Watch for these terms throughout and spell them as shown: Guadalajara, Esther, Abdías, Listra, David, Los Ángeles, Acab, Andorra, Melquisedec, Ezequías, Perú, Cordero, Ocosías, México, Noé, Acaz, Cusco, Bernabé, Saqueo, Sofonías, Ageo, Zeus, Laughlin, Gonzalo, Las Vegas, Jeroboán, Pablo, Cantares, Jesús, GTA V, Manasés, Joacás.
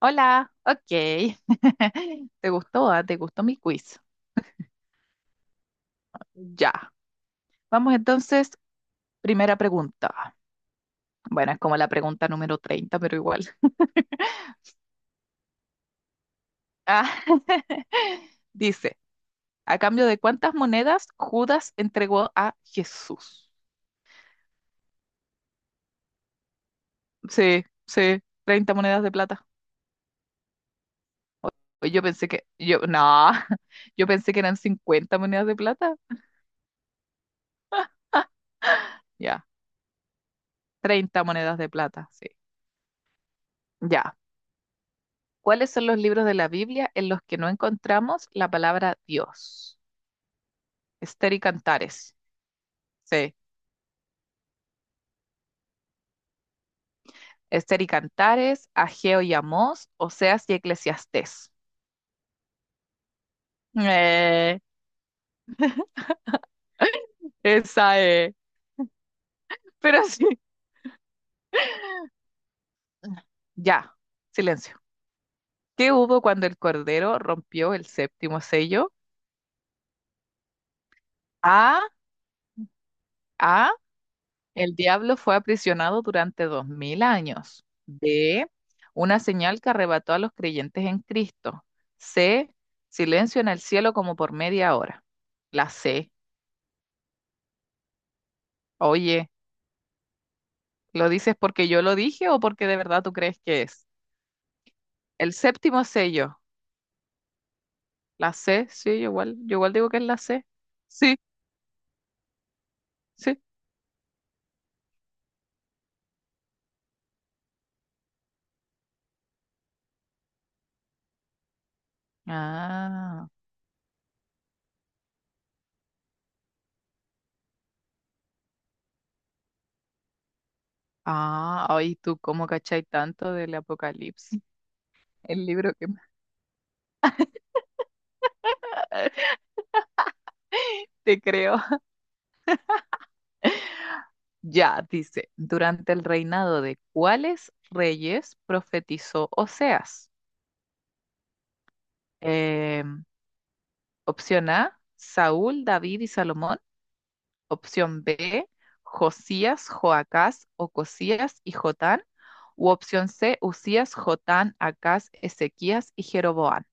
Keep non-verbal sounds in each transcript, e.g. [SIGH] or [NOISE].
Hola, ok. [LAUGHS] ¿Te gustó? ¿Ah? ¿Te gustó mi quiz? Ya. Vamos entonces, primera pregunta. Bueno, es como la pregunta número 30, pero igual. Ah, [LAUGHS] dice, ¿a cambio de cuántas monedas Judas entregó a Jesús? Sí, sí, 30 monedas de plata. Pues yo pensé que, yo, no, [LAUGHS] yo pensé que eran 50 monedas de plata. Ah, ya, 30 monedas de plata, sí. Ya. ¿Cuáles son los libros de la Biblia en los que no encontramos la palabra Dios? Esther y Cantares. Sí. Esther y Cantares, Ageo y Amós, Oseas y Eclesiastés. Eh, esa es. Pero [LAUGHS] sí. Ya, silencio. ¿Qué hubo cuando el Cordero rompió el séptimo sello? A, A, el diablo fue aprisionado durante 2000 años. D, una señal que arrebató a los creyentes en Cristo. C, silencio en el cielo como por media hora. La C, oye, ¿lo dices porque yo lo dije o porque de verdad tú crees que es? El séptimo sello, la C, sí, yo igual digo que es la C. Sí, sí. Ah, ah, ay, tú cómo cachai tanto del Apocalipsis, el libro que [LAUGHS] te creo. Ya, dice, durante el reinado de cuáles reyes profetizó Oseas. Em, opción A, Saúl, David y Salomón. Opción B, Josías, Joacás, Ocosías y Jotán. U opción C, Usías, Jotán, Acaz, Ezequías y Jeroboán.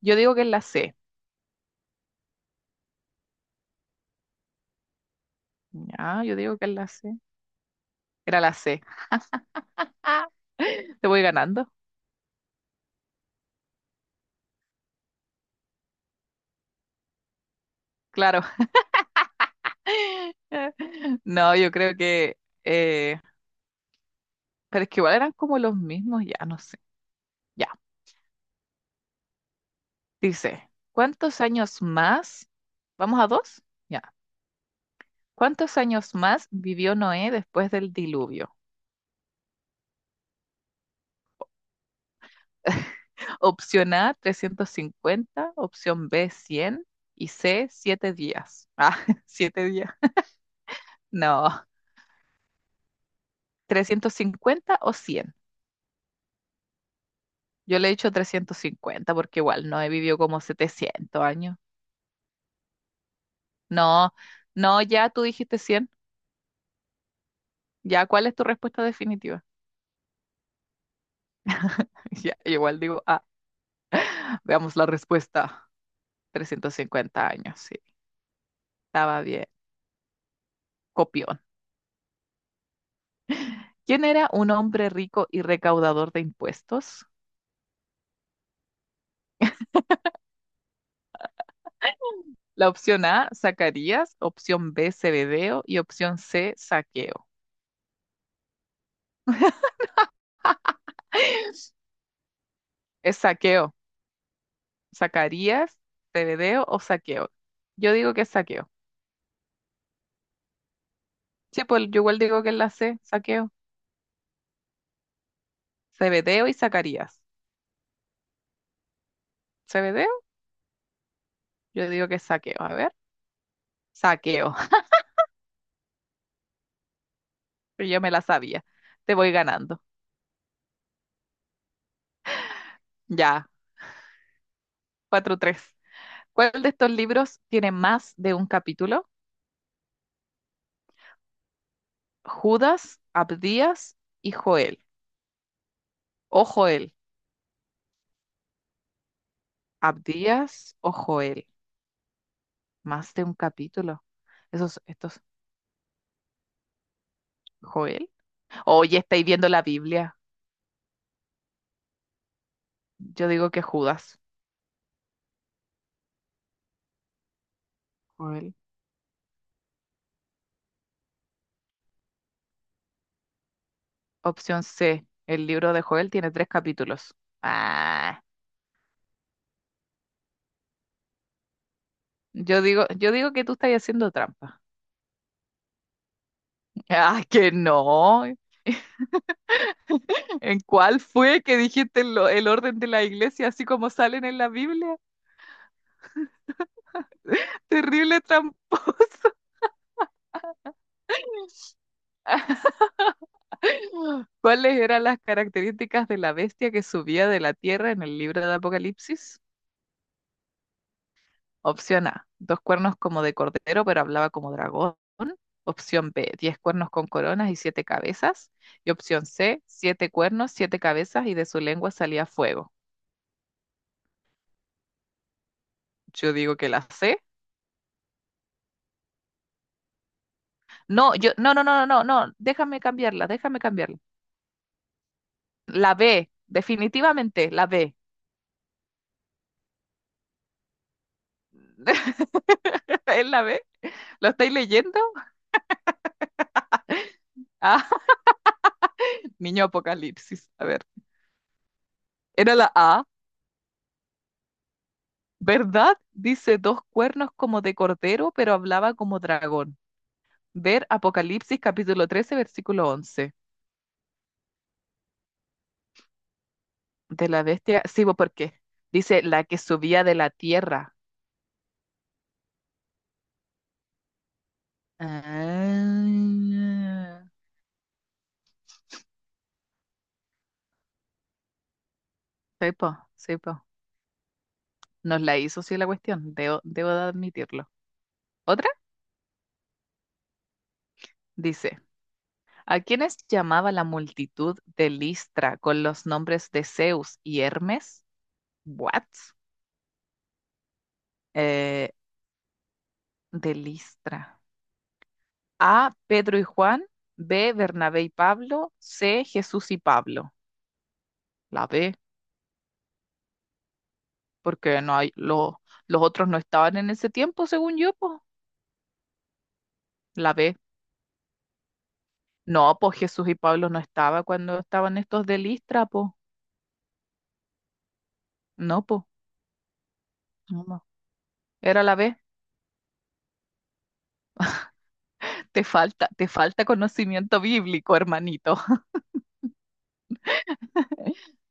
Yo digo que es la C. Ya, yo digo que es la C. Era la C. [LAUGHS] Te voy ganando. Claro. [LAUGHS] No, yo creo que, eh, pero es que igual eran como los mismos, ya no sé. Ya. Dice, ¿cuántos años más? ¿Vamos a dos? Ya. ¿Cuántos años más vivió Noé después del diluvio? Opción A, 350. Opción B, 100. Y C, 7 días. Ah, [LAUGHS] 7 días. No, 350 o 100. Yo le he dicho 350 porque igual Noé vivió como 700 años. No, no, ya tú dijiste 100. Ya, ¿cuál es tu respuesta definitiva? [LAUGHS] Ya, igual digo, veamos la respuesta. 350 años, sí. Estaba bien, copión. ¿Quién era un hombre rico y recaudador de impuestos? La opción A, Zacarías, opción B, Zebedeo y opción C, Saqueo. Es Saqueo. ¿Zacarías, Zebedeo o Saqueo? Yo digo que es Saqueo. Sí, pues yo igual digo que es la C, Saqueo. Zebedeo y Zacarías. ¿Zebedeo? Yo digo que es Saqueo. A ver, Saqueo. [LAUGHS] Pero yo me la sabía. Te voy ganando. Ya, 4-3. ¿Cuál de estos libros tiene más de un capítulo? Judas, Abdías y Joel. O Joel. Abdías o Joel. Más de un capítulo. Esos, estos, Joel. Oye, estáis viendo la Biblia. Yo digo que Judas. Joel. Opción C. El libro de Joel tiene tres capítulos. Ah, yo digo, que tú estás haciendo trampa. [LAUGHS] Ah, que no. ¿En cuál fue que dijiste el orden de la iglesia así como salen en la Biblia? [LAUGHS] Terrible tramposo. ¿Cuáles eran las características de la bestia que subía de la tierra en el libro de Apocalipsis? Opción A, dos cuernos como de cordero, pero hablaba como dragón. Opción B, 10 cuernos con coronas y siete cabezas. Y opción C, siete cuernos, siete cabezas y de su lengua salía fuego. Yo digo que la C. No, yo, no, no, no, no, no, no, déjame cambiarla, déjame cambiarla. La B, definitivamente, la B. [LAUGHS] ¿Es la B? ¿Lo estáis leyendo? Ah, [LAUGHS] niño Apocalipsis. A ver. Era la A, ¿verdad? Dice dos cuernos como de cordero, pero hablaba como dragón. Ver Apocalipsis capítulo 13 versículo 11. De la bestia, sí, bo, porque dice la que subía de la tierra. Ah, sí, po, sí, po. Nos la hizo, sí, la cuestión, debo de admitirlo. Otra dice, ¿a quiénes llamaba la multitud de Listra con los nombres de Zeus y Hermes? What? Eh, de Listra. A, Pedro y Juan, B, Bernabé y Pablo, C, Jesús y Pablo. La B, porque no hay, los otros no estaban en ese tiempo, según yo, pues. La B. No, pues Jesús y Pablo no estaba cuando estaban estos de Listra, pues. No, pues. No, no. Era la B. Te falta conocimiento bíblico, hermanito. [LAUGHS]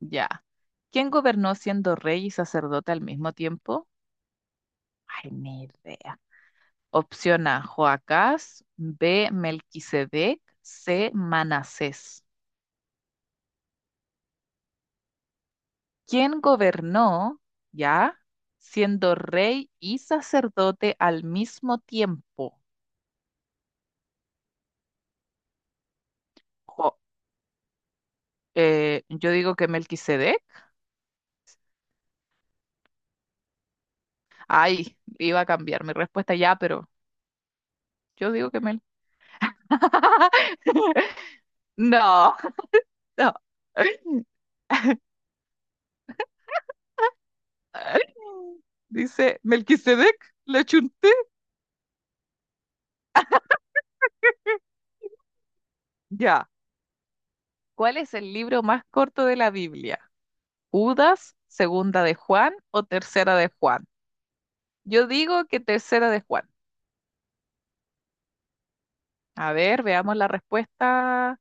Ya. ¿Quién gobernó siendo rey y sacerdote al mismo tiempo? Ay, ni idea. Opción A, Joacás, B, Melquisedec, C, Manasés. ¿Quién gobernó, ya, siendo rey y sacerdote al mismo tiempo? Jo- yo digo que Melquisedec. Ay, iba a cambiar mi respuesta ya, pero yo digo que Mel. [LAUGHS] No, no. Dice Melquisedec, lo chunté. Ya. ¿Cuál es el libro más corto de la Biblia? Judas, segunda de Juan o tercera de Juan. Yo digo que tercera de Juan. A ver, veamos la respuesta.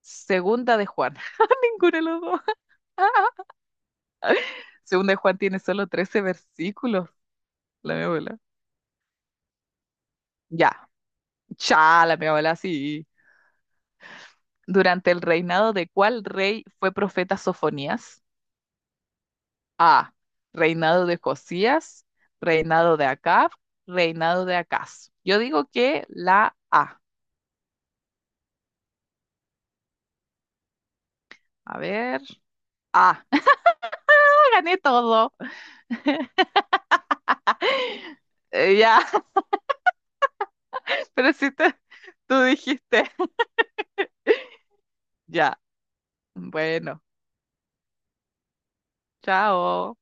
Segunda de Juan. [LAUGHS] Ninguno de los dos. [LAUGHS] Segunda de Juan tiene solo 13 versículos. La mi abuela. Ya. Cha, la mi abuela, sí. ¿Durante el reinado de cuál rey fue profeta Sofonías? A. Reinado de Josías. Reinado de Acab. Reinado de Acaz. Yo digo que la A. A ver. A. Gané todo. Ya, [LAUGHS] pero si tú dijiste, ya, bueno, chao.